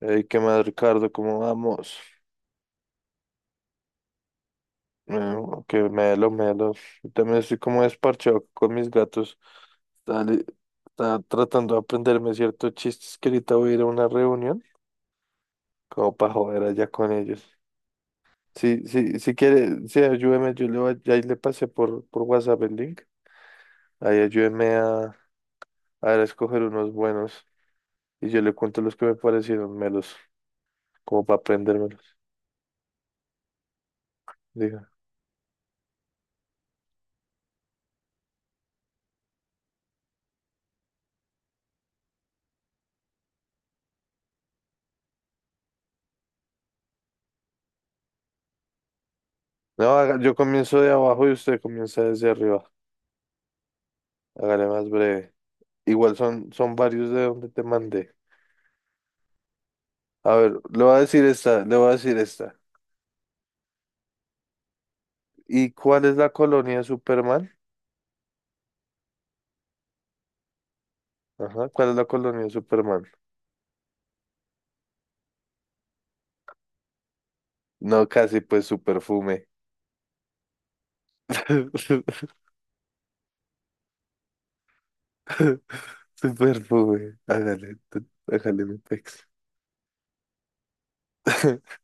Ey, ¿qué más, Ricardo? ¿Cómo vamos? Eh, que melo, melo. Yo también estoy como desparchado con mis gatos. Está, li- Está tratando de aprenderme ciertos chistes que ahorita voy a ir a una reunión, como para joder allá con ellos. Sí, sí, si quiere, sí, ayúdeme, ahí le pasé por WhatsApp el link. Ahí ayúdeme a escoger unos buenos y yo le cuento los que me parecieron melos, como para aprendérmelos. Diga. No, yo comienzo de abajo y usted comienza desde arriba. Hágale más breve. Igual son varios de donde te mandé. A ver, le voy a decir esta. ¿Y cuál es la colonia de Superman? Ajá, ¿cuál es la colonia de Superman? No, casi pues su perfume. Su perfume. Hágale, hágale mi pex.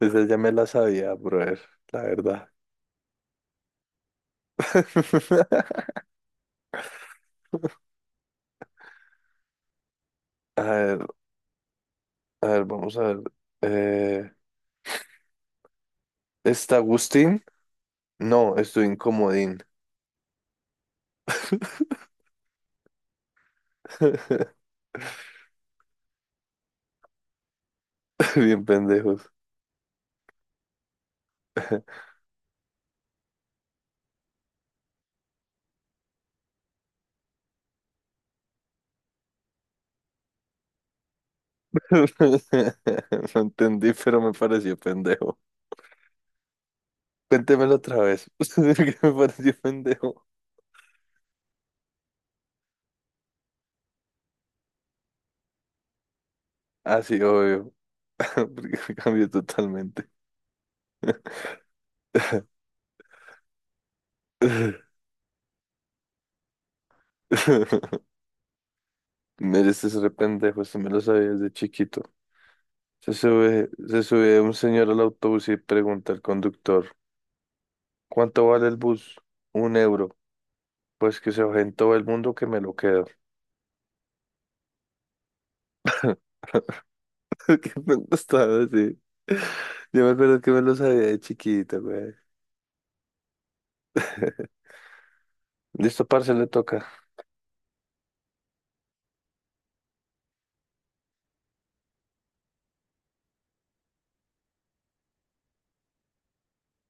Esa ya me la sabía, brother, la verdad. A ver, a ver, vamos a ver. Eh, ¿Está Agustín? No, estoy incomodín. Bien pendejos. No entendí, pero me pareció pendejo. Cuéntemelo otra vez. ¿Por ¿Qué me pareció pendejo? Ah, sí, obvio. Porque me cambió totalmente. Mire, este es re pendejo. Este me lo sabía desde chiquito. Se sube un señor al autobús y pregunta al conductor: ¿Cuánto vale el bus? Un euro. Pues que se baje en todo el mundo que me lo quedo. Qué pendejo estaba así. Yo me acuerdo que me lo sabía de chiquito, güey. Listo, parce, le toca.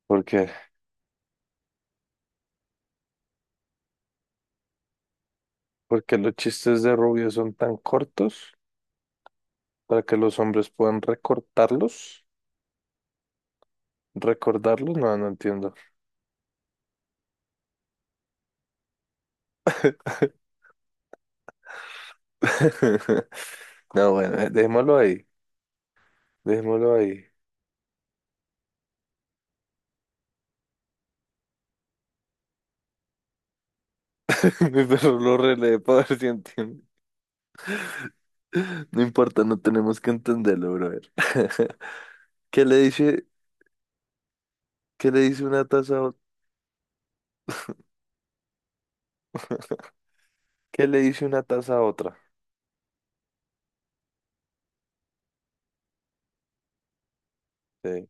¿Por qué? Porque los chistes de Rubio son tan cortos para que los hombres puedan recortarlos. ¿Recordarlos? No, no entiendo. No, bueno, dejémoslo ahí. Dejémoslo ahí. Mi perro lo relee para ver si entiende. No importa, no tenemos que entenderlo, brother. ¿Qué le dice, ¿Qué le dice una taza a otra? ¿Qué le dice una taza a otra? Sí.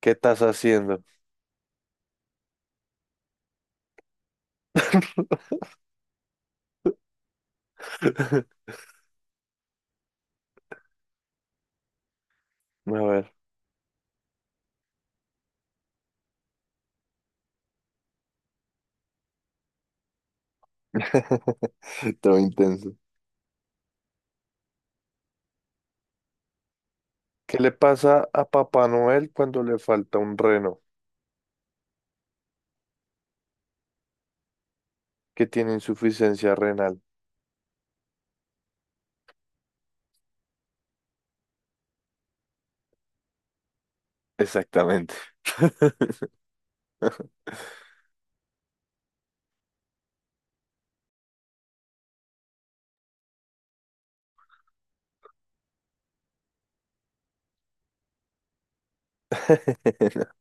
¿Qué estás haciendo? A ver. Todo intenso. ¿Qué le pasa a Papá Noel cuando le falta un reno? Que tiene insuficiencia renal. Exactamente.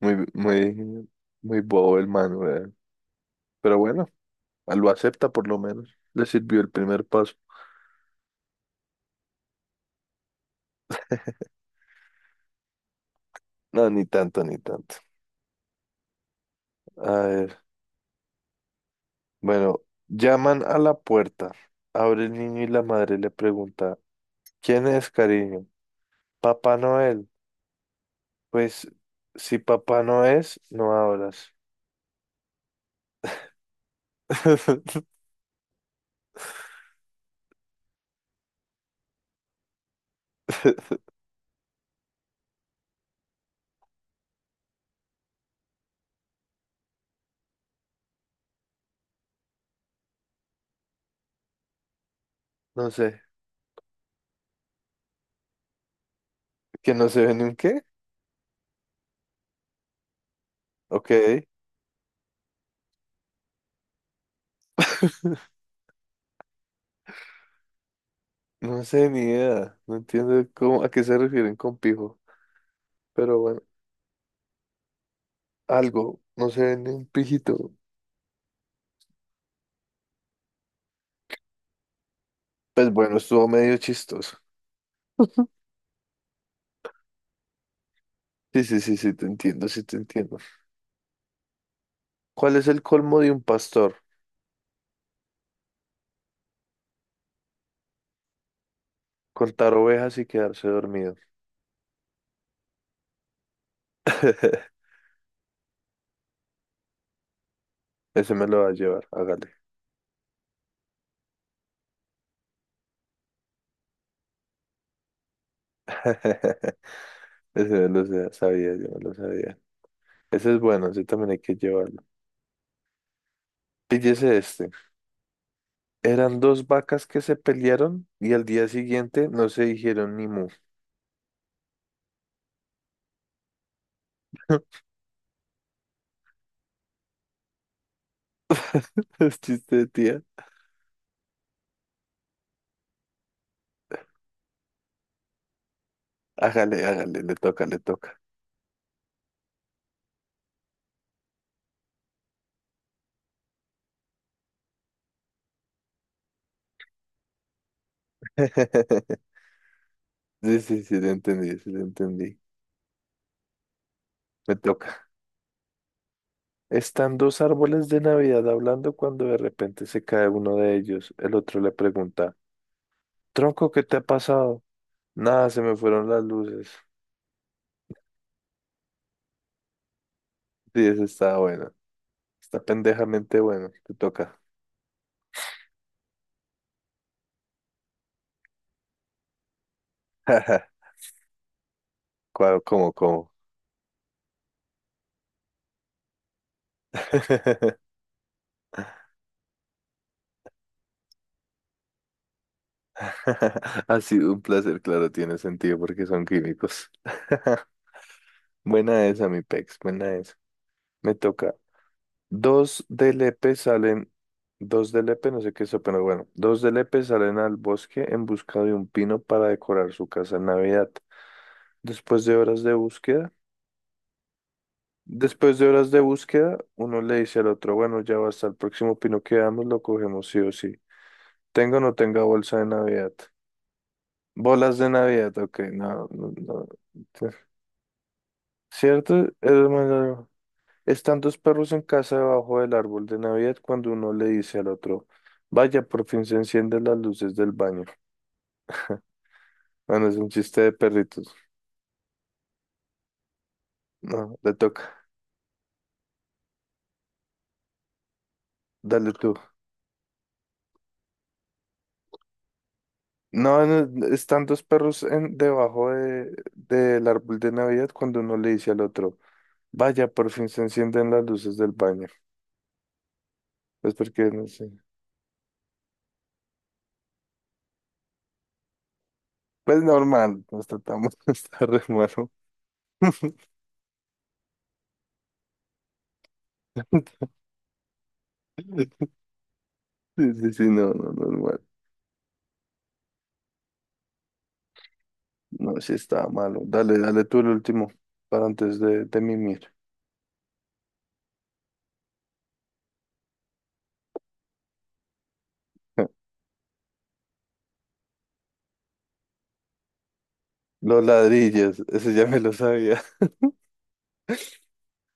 Muy, muy, muy bobo el man, weón. Pero bueno, lo acepta por lo menos. Le sirvió el primer paso. No, ni tanto, ni tanto. A ver, bueno, llaman a la puerta. Abre el niño y la madre le pregunta, ¿quién es, cariño? Papá Noel. Pues, si papá no es, no abras. No sé. ¿Que no se ve ni un qué? Ok, no sé ni idea. No entiendo cómo, a qué se refieren con pijo. Pero bueno, algo, no se ve ni un pijito. Pues bueno, estuvo medio chistoso. Sí, sí, sí, sí, te entiendo, sí, te entiendo. ¿Cuál es el colmo de un pastor? Contar ovejas y quedarse dormido. Ese me lo va a llevar, hágale. Ese me lo sabía, yo me lo sabía. Ese es bueno, ese también hay que llevarlo. Píllese este. Eran dos vacas que se pelearon y al día siguiente no se dijeron ni mu. Es chiste de tía. Hágale, hágale, le toca, le toca. Sí, sí, sí, te entendí, sí, te entendí. Me toca. Están dos árboles de Navidad hablando cuando de repente se cae uno de ellos. El otro le pregunta, tronco, ¿qué te ha pasado? Nada, se me fueron las luces. Sí, ese está bueno. Está pendejamente bueno. Te toca. ¿Cómo, cómo? Ha sido un placer, claro, tiene sentido porque son químicos. Buena esa, mi pex, buena esa. Me toca. Dos de Lepe salen, dos de Lepe, no sé qué es eso, pero bueno, dos de Lepe salen al bosque en busca de un pino para decorar su casa en Navidad. Después de horas de búsqueda, uno le dice al otro, bueno, ya hasta el próximo pino que veamos, lo cogemos sí o sí. Tenga o no tenga bolsa de Navidad. Bolas de Navidad, ok, no, no, no. ¿Cierto? Es más largo. Están dos perros en casa debajo del árbol de Navidad cuando uno le dice al otro, vaya, por fin se encienden las luces del baño. Bueno, es un chiste de perritos. No, le toca. Dale tú. No, no, están dos perros debajo del árbol de Navidad cuando uno le dice al otro, vaya, por fin se encienden las luces del baño. Pues porque, no sé. Pues normal, nos tratamos, está re malo. Sí, sí, sí, no, no, normal. No, sí está malo. Dale, dale tú el último para antes de mimir. Los ladrillos, ese ya me lo sabía.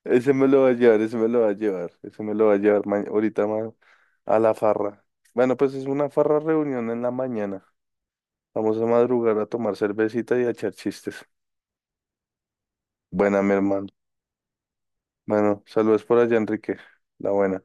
Ese me lo va a llevar, ese me lo va a llevar, ese me lo va a llevar ahorita a la farra. Bueno, pues es una farra reunión en la mañana. Vamos a madrugar a tomar cervecita y a echar chistes. Buena, mi hermano. Bueno, saludos por allá, Enrique. La buena.